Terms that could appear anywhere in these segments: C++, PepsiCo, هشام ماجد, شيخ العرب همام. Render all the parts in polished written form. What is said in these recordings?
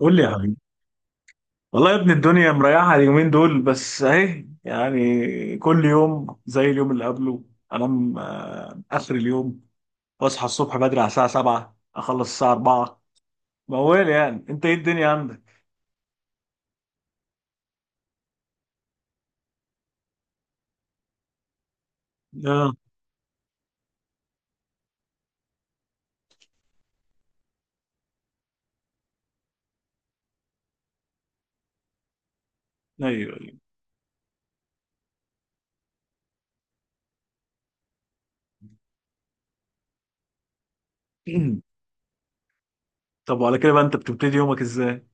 قول لي يا حبيبي. والله يا ابني الدنيا مريحة اليومين دول، بس اهي، يعني كل يوم زي اليوم اللي قبله. انام اخر اليوم، واصحى الصبح بدري على الساعة 7 اخلص الساعة 4. موال، يعني انت ايه الدنيا عندك؟ اه. ايوه ايوه. طب وعلى كده بقى انت بتبتدي يومك ازاي؟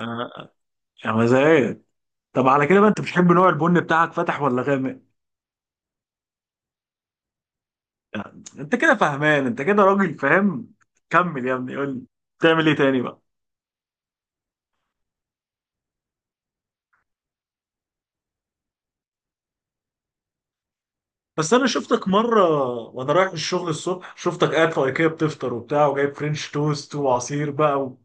آه، يا مزاج. طب على كده بقى انت بتحب نوع البن بتاعك فاتح ولا غامق؟ يعني انت كده فهمان، انت كده راجل فاهم. كمل يا ابني، قول لي بتعمل ايه تاني بقى؟ بس انا شفتك مره وانا رايح الشغل الصبح، شفتك قاعد في ايكيا بتفطر وبتاع، وجايب فرنش توست وعصير بقى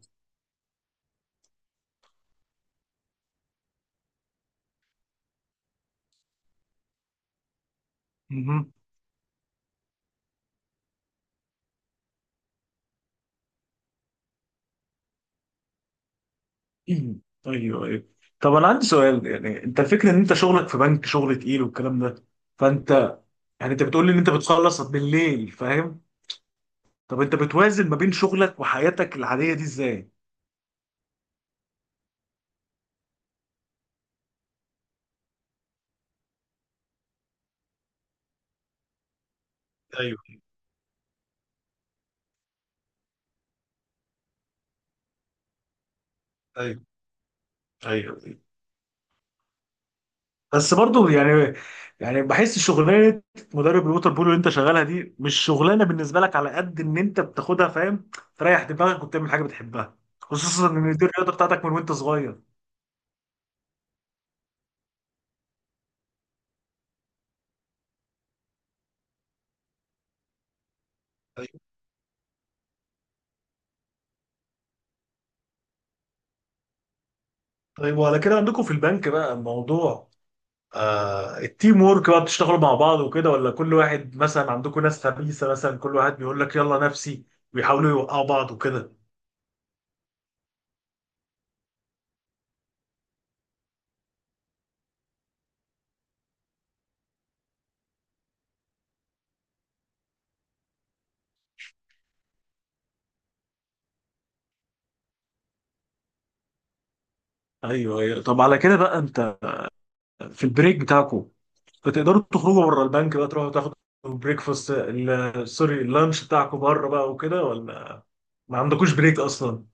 مهم. ايوه ايوه. طب انا عندي سؤال، يعني انت الفكره ان انت شغلك في بنك شغل تقيل والكلام ده، فانت يعني انت بتقول لي ان انت بتخلص بالليل فاهم. طب انت بتوازن ما بين شغلك وحياتك العاديه دي ازاي؟ ايوه ايوه ايوه. بس برضو يعني بحس شغلانه مدرب الووتر بول اللي انت شغالها دي مش شغلانه بالنسبه لك، على قد ان انت بتاخدها فاهم، تريح دماغك وبتعمل حاجه بتحبها، خصوصا ان دي الرياضه بتاعتك من وانت صغير. طيب. طيب وعلى كده عندكم في البنك بقى الموضوع، التيم وورك بقى، بتشتغلوا مع بعض وكده، ولا كل واحد، مثلا عندكم ناس خبيثه مثلا كل واحد بيقول لك يلا نفسي، ويحاولوا يوقعوا بعض وكده. ايوه ايوه. طب على كده بقى انت في البريك بتاعكم، فتقدروا تخرجوا بره البنك بقى، تروحوا تاخدوا بريكفاست سوري اللانش بتاعكم بره بقى وكده، ولا ما عندكوش بريك اصلا؟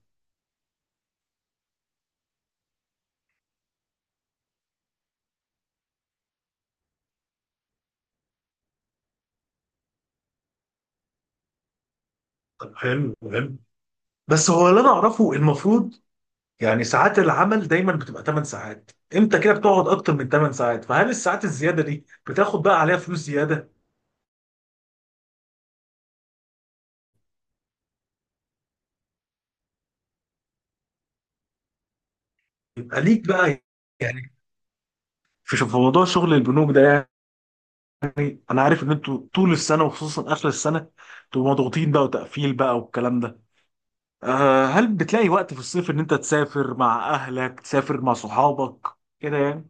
طب حلو حلو، بس هو اللي انا اعرفه المفروض يعني ساعات العمل دايما بتبقى 8 ساعات، انت كده بتقعد اكتر من 8 ساعات، فهل الساعات الزياده دي بتاخد بقى عليها فلوس زياده؟ يبقى ليك بقى، يعني في موضوع شغل البنوك ده، يعني انا عارف ان انتوا طول السنه وخصوصا اخر السنه بتبقوا مضغوطين بقى وتقفيل بقى والكلام ده. هل بتلاقي وقت في الصيف ان انت تسافر مع اهلك، تسافر مع صحابك كده يعني؟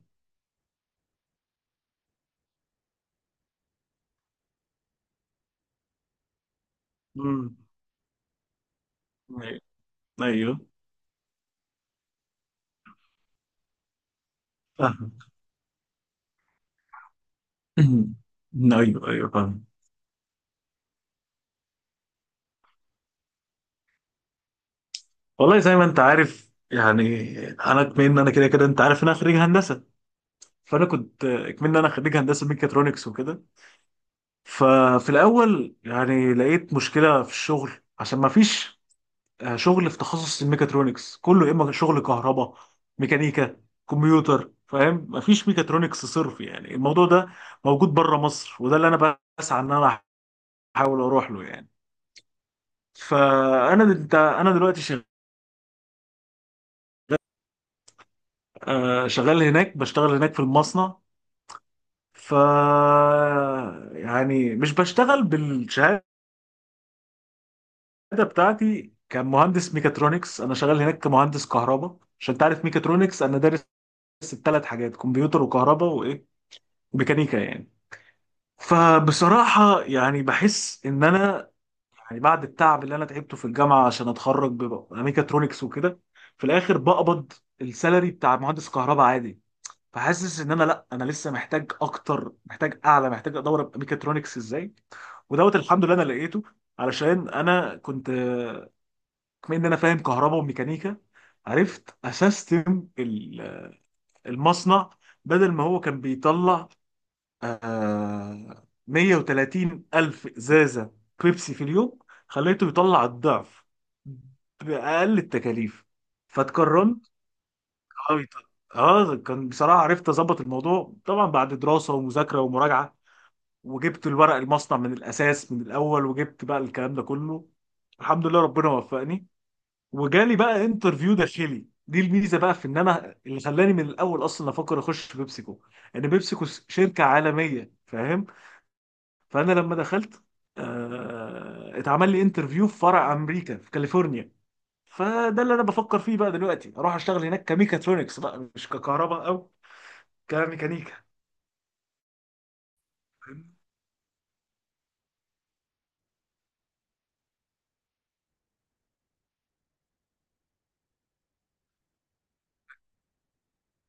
امم. ايوه فاهم. ايوه ايوه فاهم. والله زي ما انت عارف يعني، انا كمان إن انا كده كده، انت عارف ان انا خريج هندسه، فانا كنت كمان إن انا خريج هندسه ميكاترونكس وكده. ففي الاول يعني لقيت مشكله في الشغل، عشان ما فيش شغل في تخصص الميكاترونكس كله، يا اما شغل كهرباء، ميكانيكا، كمبيوتر، فاهم. مفيش ميكاترونكس صرف يعني، الموضوع ده موجود بره مصر، وده اللي انا بسعى ان انا احاول اروح له يعني. انا دلوقتي شغال هناك، بشتغل هناك في المصنع. ف يعني مش بشتغل بالشهاده بتاعتي كمهندس ميكاترونكس، انا شغال هناك كمهندس كهرباء. عشان تعرف، ميكاترونكس انا دارس الثلاث حاجات: كمبيوتر وكهرباء وايه، ميكانيكا يعني. فبصراحة يعني بحس إن أنا، يعني بعد التعب اللي أنا تعبته في الجامعة عشان أتخرج ببقى ميكاترونكس وكده، في الآخر بقبض السالري بتاع مهندس كهرباء عادي. فحاسس إن أنا لأ، أنا لسه محتاج أكتر، محتاج أعلى، محتاج أدور أبقى ميكاترونكس إزاي. ودوت الحمد لله أنا لقيته. علشان أنا كنت بما إن أنا فاهم كهرباء وميكانيكا، عرفت أسستم المصنع. بدل ما هو كان بيطلع 130 ألف إزازة بيبسي في اليوم، خليته يطلع الضعف بأقل التكاليف، فاتكرمت. اه يط- كان بصراحة عرفت أظبط الموضوع طبعا بعد دراسة ومذاكرة ومراجعة، وجبت الورق المصنع من الأساس من الأول، وجبت بقى الكلام ده كله، الحمد لله ربنا وفقني. وجالي بقى انترفيو داخلي، دي الميزة بقى في إن أنا اللي خلاني من الأول أصلا أفكر أخش في بيبسيكو، إن بيبسيكو شركة عالمية فاهم. فانا لما دخلت، اتعمل لي انترفيو في فرع امريكا في كاليفورنيا. فده اللي انا بفكر فيه بقى دلوقتي، اروح اشتغل هناك كميكاترونكس بقى، مش ككهرباء او كميكانيكا.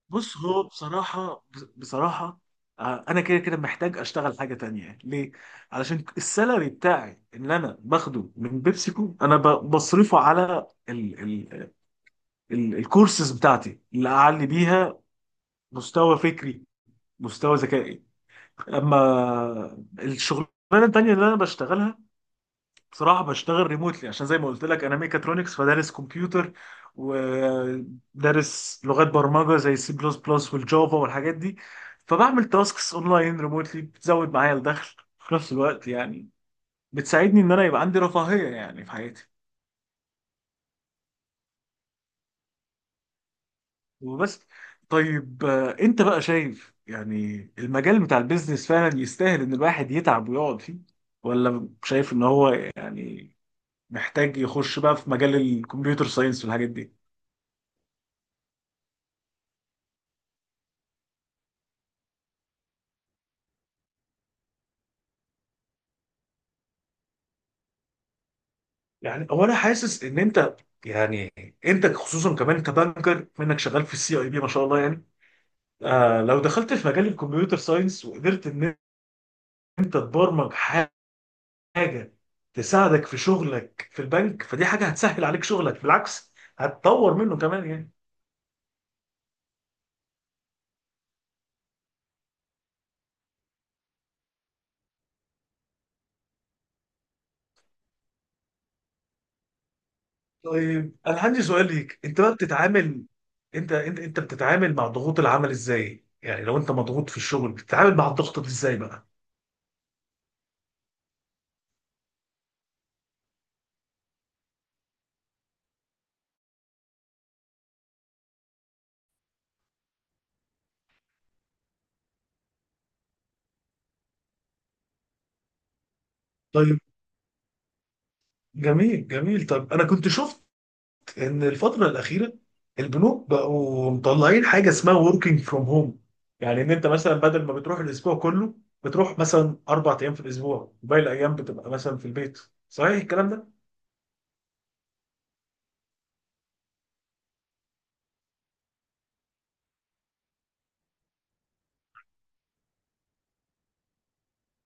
بص هو بصراحة، انا كده كده محتاج اشتغل حاجة تانية. ليه؟ علشان السالري بتاعي اللي انا باخده من بيبسيكو، انا بصرفه على ال ال ال الكورسز بتاعتي اللي اعلي بيها مستوى فكري، مستوى ذكائي. اما الشغلانه التانيه اللي انا بشتغلها، بصراحه بشتغل ريموتلي، عشان زي ما قلت لك انا ميكاترونكس، فدارس كمبيوتر، ودارس لغات برمجه زي السي بلس بلس والجافا والحاجات دي، فبعمل تاسكس اونلاين ريموتلي، بتزود معايا الدخل في نفس الوقت يعني، بتساعدني ان انا يبقى عندي رفاهيه يعني في حياتي. وبس. طيب، انت بقى شايف يعني المجال بتاع البيزنس فعلا يستاهل ان الواحد يتعب ويقعد فيه، ولا شايف ان هو يعني محتاج يخش بقى في مجال الكمبيوتر ساينس والحاجات دي؟ يعني هو انا حاسس ان انت، يعني انت خصوصا كمان، انت بانكر منك شغال في السي اي بي، ما شاء الله يعني. لو دخلت في مجال الكمبيوتر ساينس، وقدرت ان انت تبرمج حاجه تساعدك في شغلك في البنك، فدي حاجه هتسهل عليك شغلك، بالعكس هتطور منه كمان يعني. طيب انا عندي سؤال ليك، انت بقى بتتعامل، انت بتتعامل مع ضغوط العمل ازاي؟ يعني لو انت مضغوط في الشغل بتتعامل مع الضغط ده ازاي بقى؟ طيب جميل جميل، طب انا كنت شفت ان الفتره الاخيره البنوك بقوا مطلعين حاجه اسمها working from home، يعني ان انت مثلا بدل ما بتروح الاسبوع كله، بتروح مثلا اربع ايام في الاسبوع، باقي الايام بتبقى مثلا في البيت، صحيح الكلام ده؟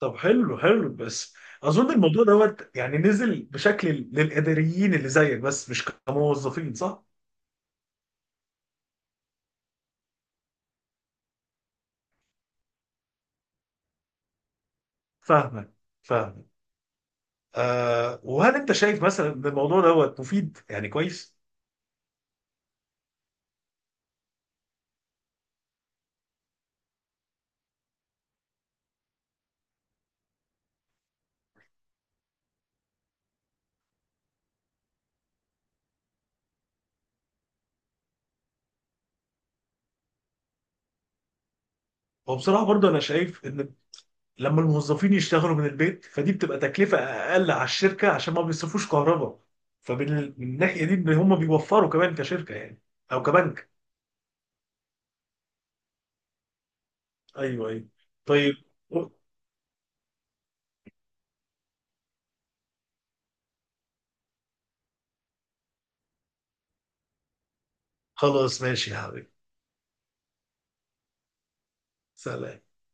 طب حلو حلو، بس اظن الموضوع دوت يعني نزل بشكل للاداريين اللي زيك بس، مش كموظفين، صح؟ فاهمك فاهمك. وهل انت شايف مثلا ان الموضوع دوت مفيد يعني كويس؟ هو بصراحه برضه انا شايف ان لما الموظفين يشتغلوا من البيت فدي بتبقى تكلفة أقل على الشركة، عشان ما بيصرفوش كهرباء، فمن من الناحية دي إن هم بيوفروا كمان كشركة يعني، أو كبنك. أيوه أيوه. طيب خلاص، ماشي يا حبيبي. سلام.